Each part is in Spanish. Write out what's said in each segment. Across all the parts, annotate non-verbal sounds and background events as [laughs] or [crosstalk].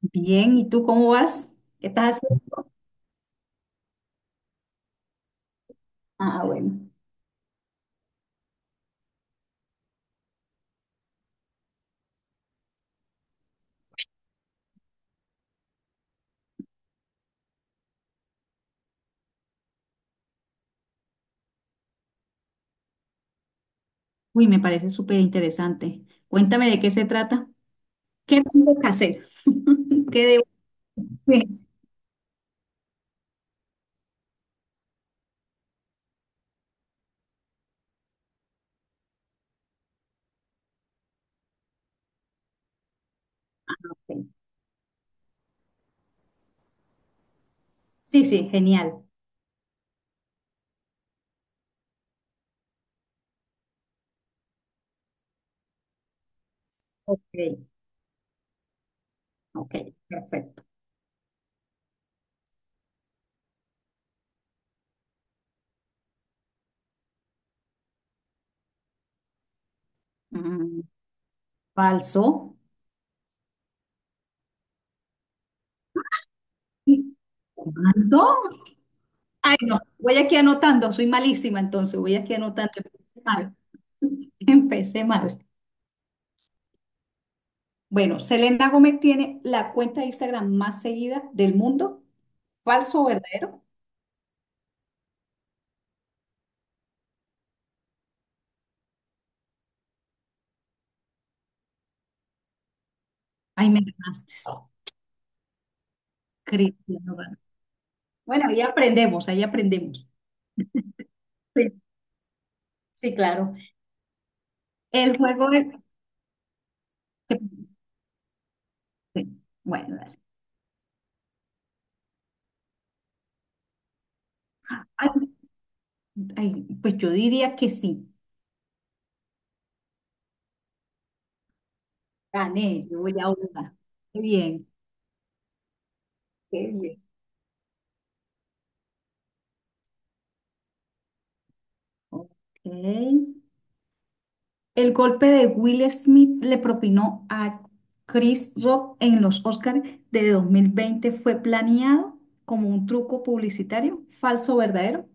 Bien, ¿y tú cómo vas? ¿Qué estás haciendo? Ah, bueno. Uy, me parece súper interesante. Cuéntame de qué se trata. ¿Qué tengo que hacer? [laughs] ¿Qué debo? Sí, sí, sí, genial. Ok, ok, perfecto. Mm, falso. ¿Cuánto? Ay, no, voy aquí anotando, soy malísima entonces, voy aquí anotando. Empecé mal. [laughs] Empecé mal. Bueno, Selena Gómez tiene la cuenta de Instagram más seguida del mundo. ¿Falso o verdadero? Ay, me ganaste. Cristiano Ronaldo. Bueno, ahí aprendemos, ahí aprendemos. Sí, sí, claro. El juego es... que- Sí, bueno, dale. Ay, ay, pues yo diría que sí. Gané, yo voy a una. Qué bien, qué bien. Ok. El golpe de Will Smith le propinó a Chris Rock en los Oscars de 2020 fue planeado como un truco publicitario, falso, verdadero.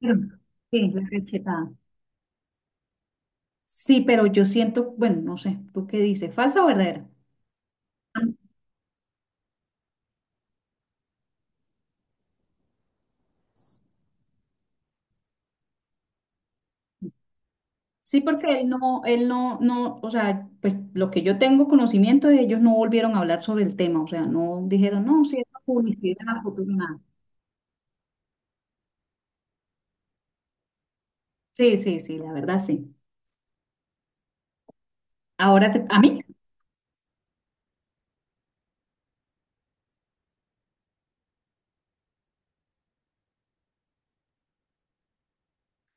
Pero, sí, la cachetada. Sí, pero yo siento, bueno, no sé, ¿tú qué dices? ¿Falsa o verdadera? Ah, sí, porque él no, no, o sea, pues lo que yo tengo conocimiento de ellos no volvieron a hablar sobre el tema, o sea, no dijeron, no, sí, es publicidad, futuro, nada. Sí, sí, sí, la verdad sí. Ahora a mí,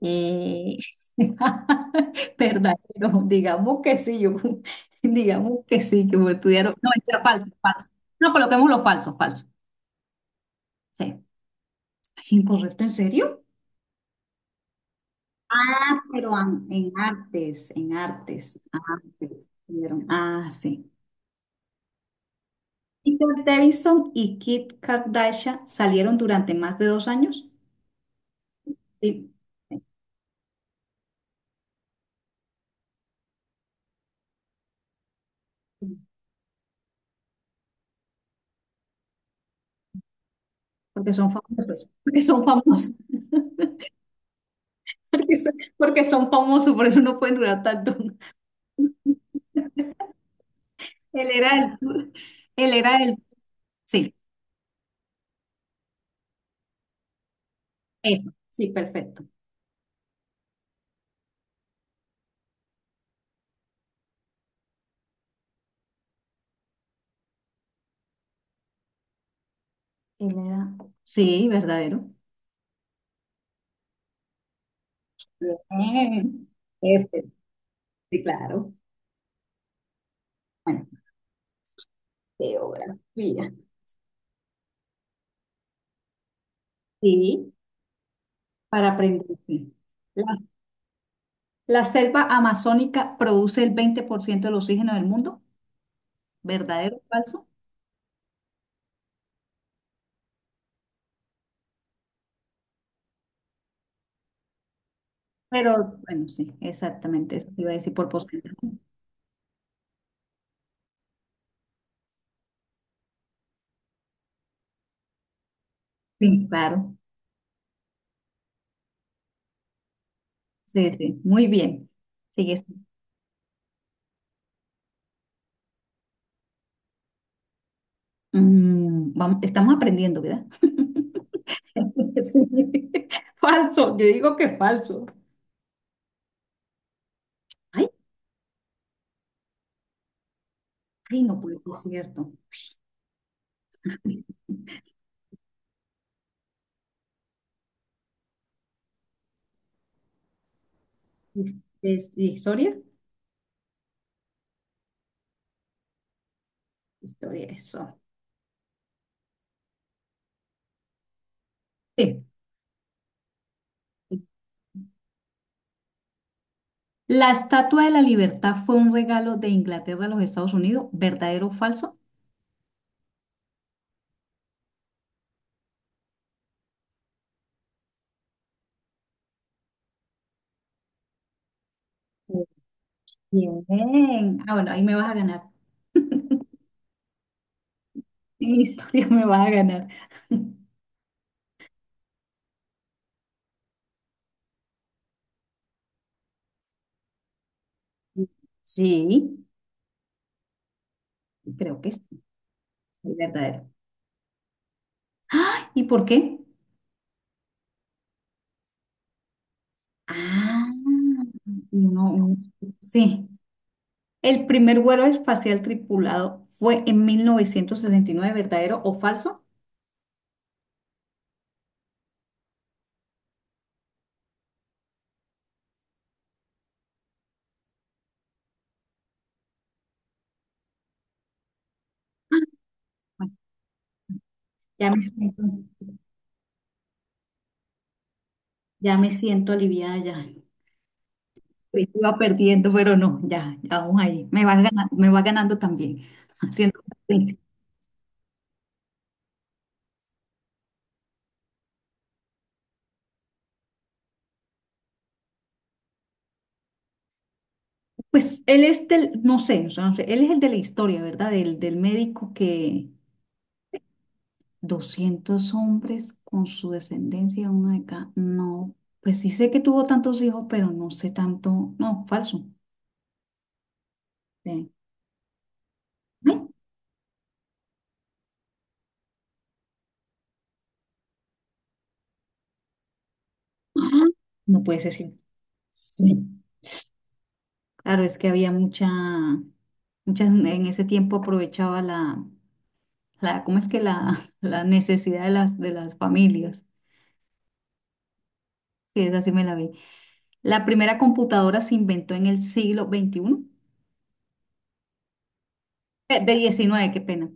eh, [laughs] verdadero, digamos que sí, yo, [laughs] digamos que sí, que me estudiaron, no, mentira, falso, falso. No, coloquemos lo falso, falso. Sí. Ay, ¿incorrecto, en serio? Ah, pero en artes, artes salieron. Ah, sí. Peter Davison y Kit Kardashian salieron durante más de 2 años. Sí. Porque son famosos. Porque son famosos. [laughs] Porque son famosos, por eso no pueden durar tanto. Él era el, él era el, sí, eso, sí, perfecto. Él era, sí, verdadero. Bien. Perfecto, sí, claro. Bueno, geografía. Sí. Para aprenderse. La, la selva amazónica produce el 20% del oxígeno del mundo, ¿verdadero o falso? Pero bueno, sí, exactamente, eso te iba a decir por porcentaje. Sí, claro, sí, sí, muy bien. Sigue, sí. Mm, vamos, estamos aprendiendo, ¿verdad? [laughs] Sí. Falso, yo digo que es falso. Ay, ay, no puede ser cierto. ¿Es, es historia? Historia, eso. Sí. La Estatua de la Libertad fue un regalo de Inglaterra a los Estados Unidos, ¿verdadero o falso? Muy bien. Ah, bueno, ahí me vas a ganar. [laughs] En historia me vas a ganar. [laughs] Sí, creo que es verdadero. ¿Y por qué? Ah, no, no, sí. El primer vuelo espacial tripulado fue en 1969, ¿verdadero o falso? Bueno, ya me siento, ya me siento aliviada ya. Creí que iba perdiendo, pero no, ya vamos ahí. Me va ganando también, [laughs] haciendo competencia. Pues él es del, no sé, o sea, no sé, él es el de la historia, ¿verdad? Del médico que 200 hombres con su descendencia, uno de cada no, pues sí sé que tuvo tantos hijos, pero no sé tanto, no, falso. Sí. Ay, ah, no puede ser cierto. Sí. Claro, es que había mucha, muchas, en ese tiempo aprovechaba la, ¿cómo es que la, [laughs] la necesidad de las familias? Que esa sí me la vi. La primera computadora se inventó en el siglo XXI, de diecinueve, qué pena.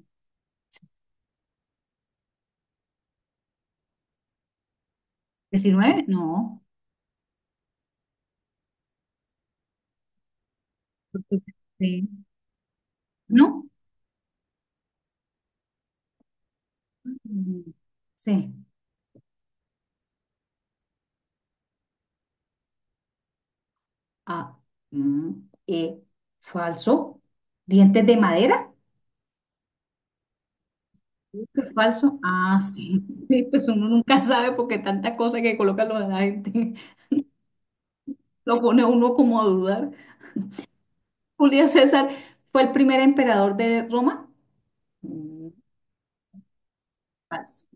Diecinueve. No. [laughs] Sí. ¿No? Mm, sí. Ah, mm, eh, falso. ¿Dientes de madera? ¿Qué falso? Ah, sí. [laughs] Sí, pues uno nunca sabe porque tanta cosa que coloca lo de la gente [laughs] lo pone uno como a dudar. Julio César fue el primer emperador de Roma. Mm, paso.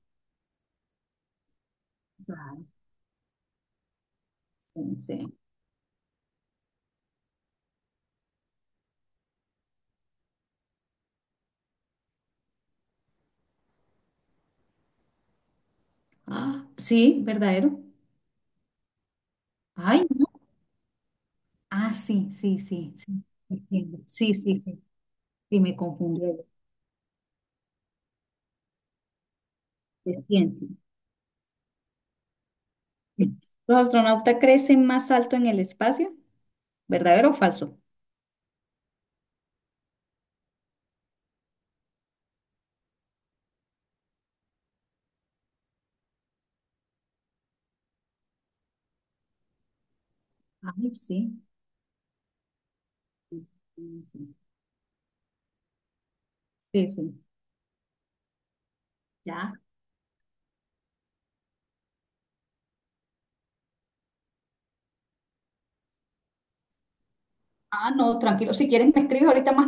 Ah, pensé. Ah, sí, verdadero. Ay, no. Ah, sí, sí, sí, sí. Entiendo. Sí, sí, sí. Sí, me confundí. Se siente. [laughs] ¿Los astronautas crecen más alto en el espacio? ¿Verdadero o falso? Ay, sí. Sí, sí. Sí, sí. Ya. Ah, no, tranquilo. Si quieres, me escribes ahorita más